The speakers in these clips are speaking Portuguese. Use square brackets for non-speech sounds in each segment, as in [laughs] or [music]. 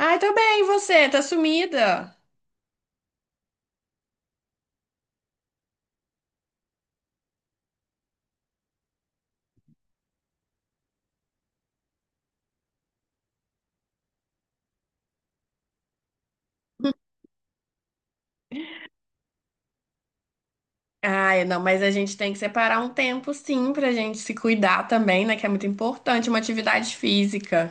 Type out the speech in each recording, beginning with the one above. Ai, tô bem, e você? Tá sumida? Ai, não, mas a gente tem que separar um tempo, sim, pra gente se cuidar também, né? Que é muito importante, uma atividade física.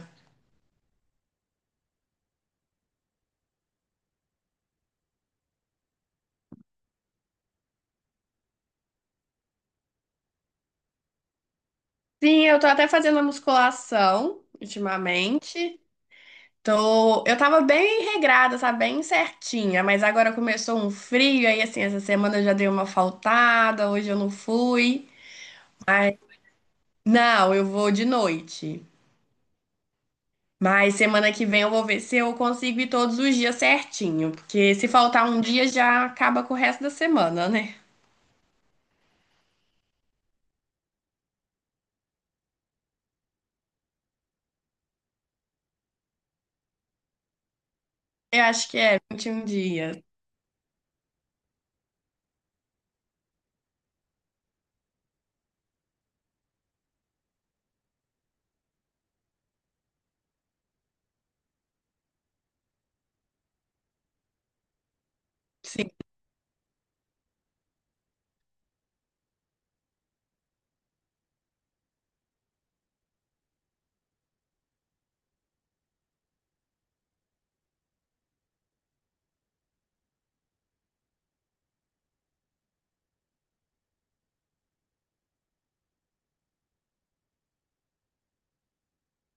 Sim, eu tô até fazendo a musculação ultimamente. Eu tava bem regrada, sabe? Bem certinha, mas agora começou um frio, aí assim, essa semana eu já dei uma faltada, hoje eu não fui. Ai, não, eu vou de noite. Mas semana que vem eu vou ver se eu consigo ir todos os dias certinho, porque se faltar um dia já acaba com o resto da semana, né? Eu acho que é 21 dias. Sim.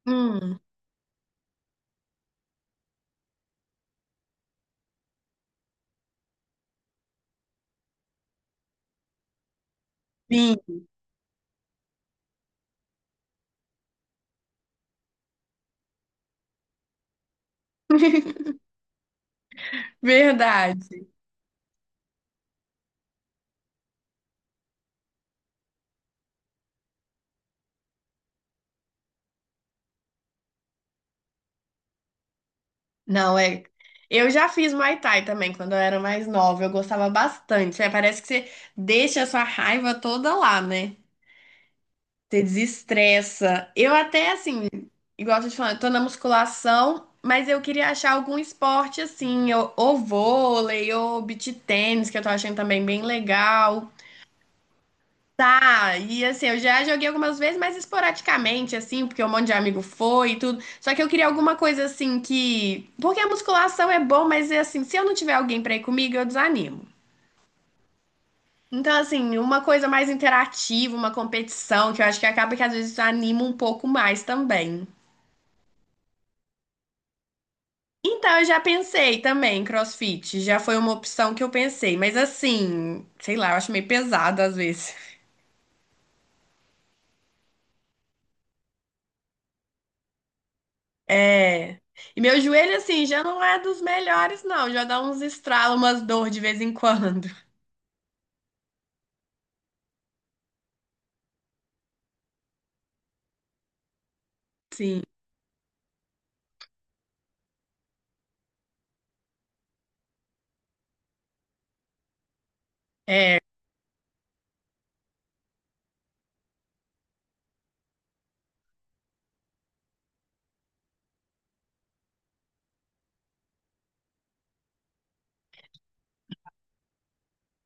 Hum, sim, verdade. Não, é. Eu já fiz Muay Thai também quando eu era mais nova, eu gostava bastante. É, parece que você deixa a sua raiva toda lá, né? Você desestressa. Eu até, assim, igual eu tô te falando, eu tô na musculação, mas eu queria achar algum esporte, assim, ou vôlei, ou beach tênis, que eu tô achando também bem legal. Tá, e assim, eu já joguei algumas vezes, mas esporadicamente, assim, porque um monte de amigo foi e tudo. Só que eu queria alguma coisa, assim, que... Porque a musculação é bom, mas, é assim, se eu não tiver alguém pra ir comigo, eu desanimo. Então, assim, uma coisa mais interativa, uma competição, que eu acho que acaba que às vezes anima um pouco mais também. Então, eu já pensei também, CrossFit, já foi uma opção que eu pensei, mas assim, sei lá, eu acho meio pesado às vezes. [laughs] É. E meu joelho, assim, já não é dos melhores, não, já dá uns estralos, umas dor de vez em [laughs] quando. Sim.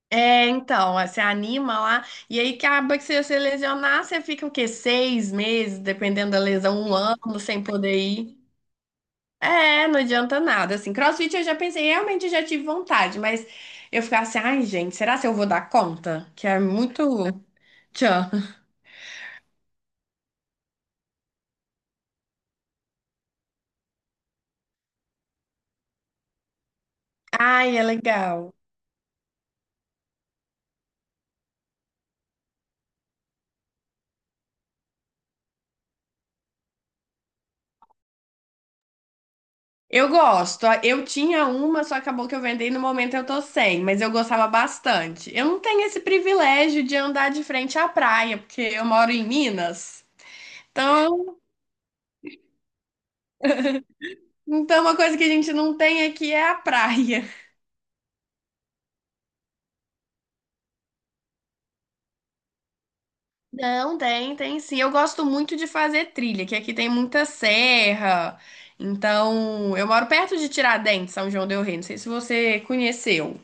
É, então, ó, você anima lá, e aí acaba que se você lesionar, você fica o quê? Seis meses, dependendo da lesão, um ano sem poder ir. É, não adianta nada. Assim, CrossFit eu já pensei, realmente já tive vontade, mas eu ficava assim, ai, gente, será que eu vou dar conta? Que é muito. Tchan. Ai, é legal. Eu gosto. Eu tinha uma, só acabou que eu vendei no momento eu tô sem, mas eu gostava bastante. Eu não tenho esse privilégio de andar de frente à praia, porque eu moro em Minas. Então, então uma coisa que a gente não tem aqui é a praia. Não, tem, tem sim. Eu gosto muito de fazer trilha, que aqui tem muita serra. Então, eu moro perto de Tiradentes, São João del Rei. Não sei se você conheceu.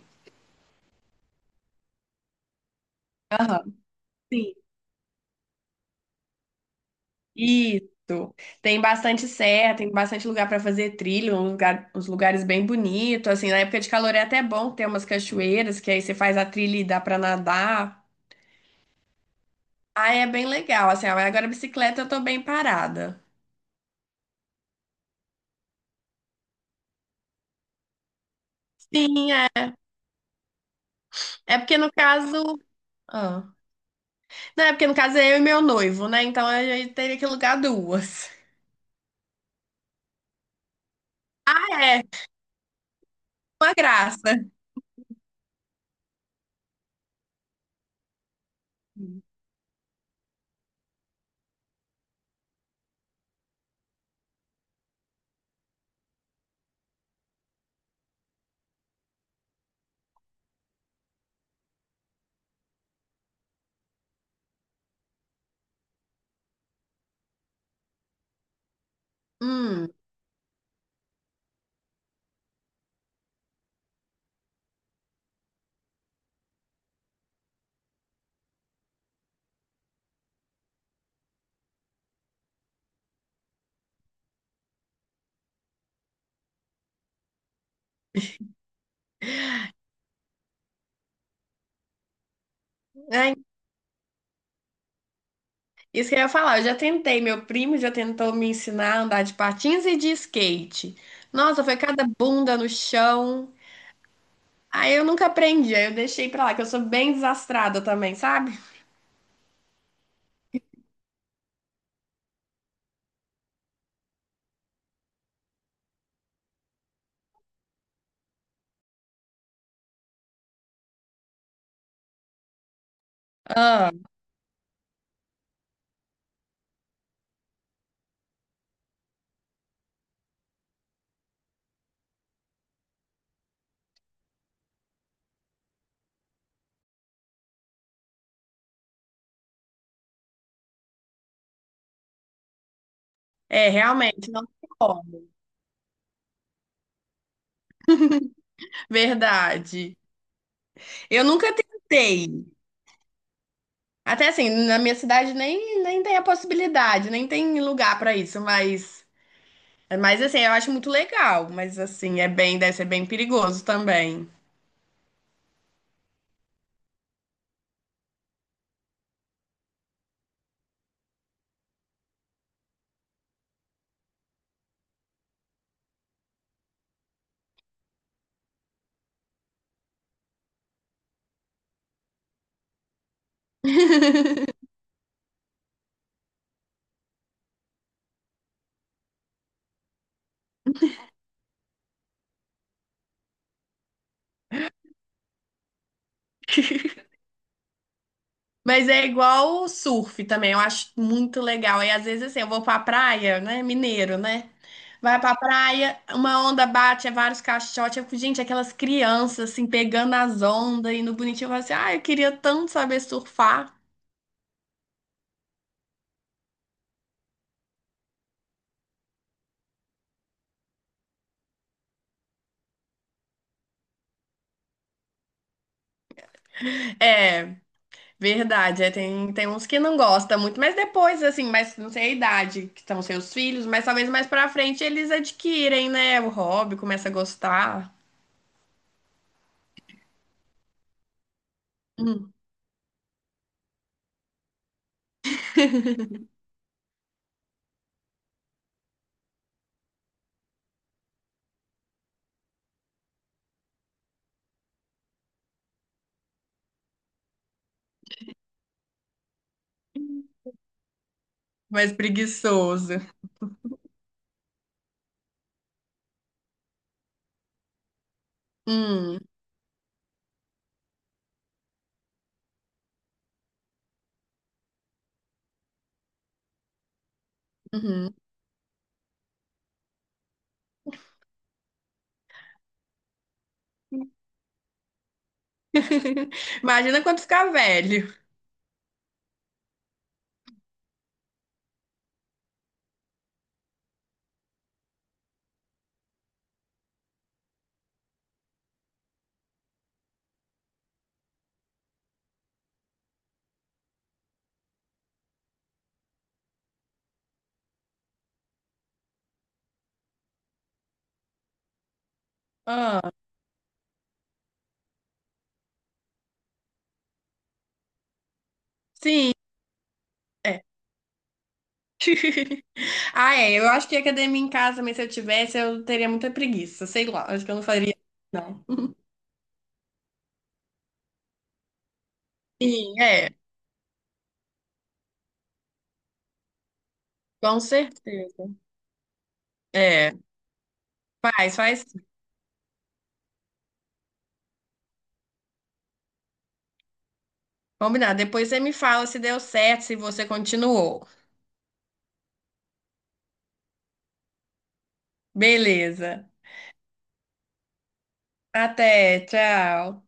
Aham, sim. Isso. Tem bastante serra, tem bastante lugar para fazer trilha, um lugar- uns lugares bem bonitos. Assim, na época de calor é até bom ter umas cachoeiras, que aí você faz a trilha e dá para nadar. Ah, é bem legal. Assim, agora a bicicleta eu tô bem parada. Sim, é. É porque no caso. Ah. Não, é porque no caso é eu e meu noivo, né? Então a gente teria que alugar duas. [laughs] É, uma graça. Hum, é, isso que eu ia falar. Eu já tentei, meu primo já tentou me ensinar a andar de patins e de skate. Nossa, foi cada bunda no chão. Aí eu nunca aprendi, aí eu deixei pra lá, que eu sou bem desastrada também, sabe? Ah, é, realmente, não tem como. Verdade. Eu nunca tentei. Até assim, na minha cidade nem tem a possibilidade, nem tem lugar pra isso, mas assim, eu acho muito legal, mas assim, é bem, deve ser bem perigoso também. [laughs] Mas é igual o surf também, eu acho muito legal. E às vezes assim, eu vou pra praia, né? Mineiro, né? Vai pra praia, uma onda bate, é vários caixotes. Eu fico, gente, aquelas crianças assim, pegando as ondas e no bonitinho, eu falo assim, ah, eu queria tanto saber surfar. É. Verdade, é, tem uns que não gostam muito, mas depois, assim, mas não sei a idade que estão seus filhos, mas talvez mais pra frente eles adquirem, né, o hobby, começa a gostar. Hum. Mais preguiçoso. Hum, uhum. [laughs] Imagina quando ficar velho. Ah, sim, é. [laughs] Ah, é, eu acho que academia em casa, mas se eu tivesse, eu teria muita preguiça, sei lá, acho que eu não faria, não. Sim, é, com certeza. É, faz, faz Combinado. Depois você me fala se deu certo, se você continuou. Beleza. Até, tchau.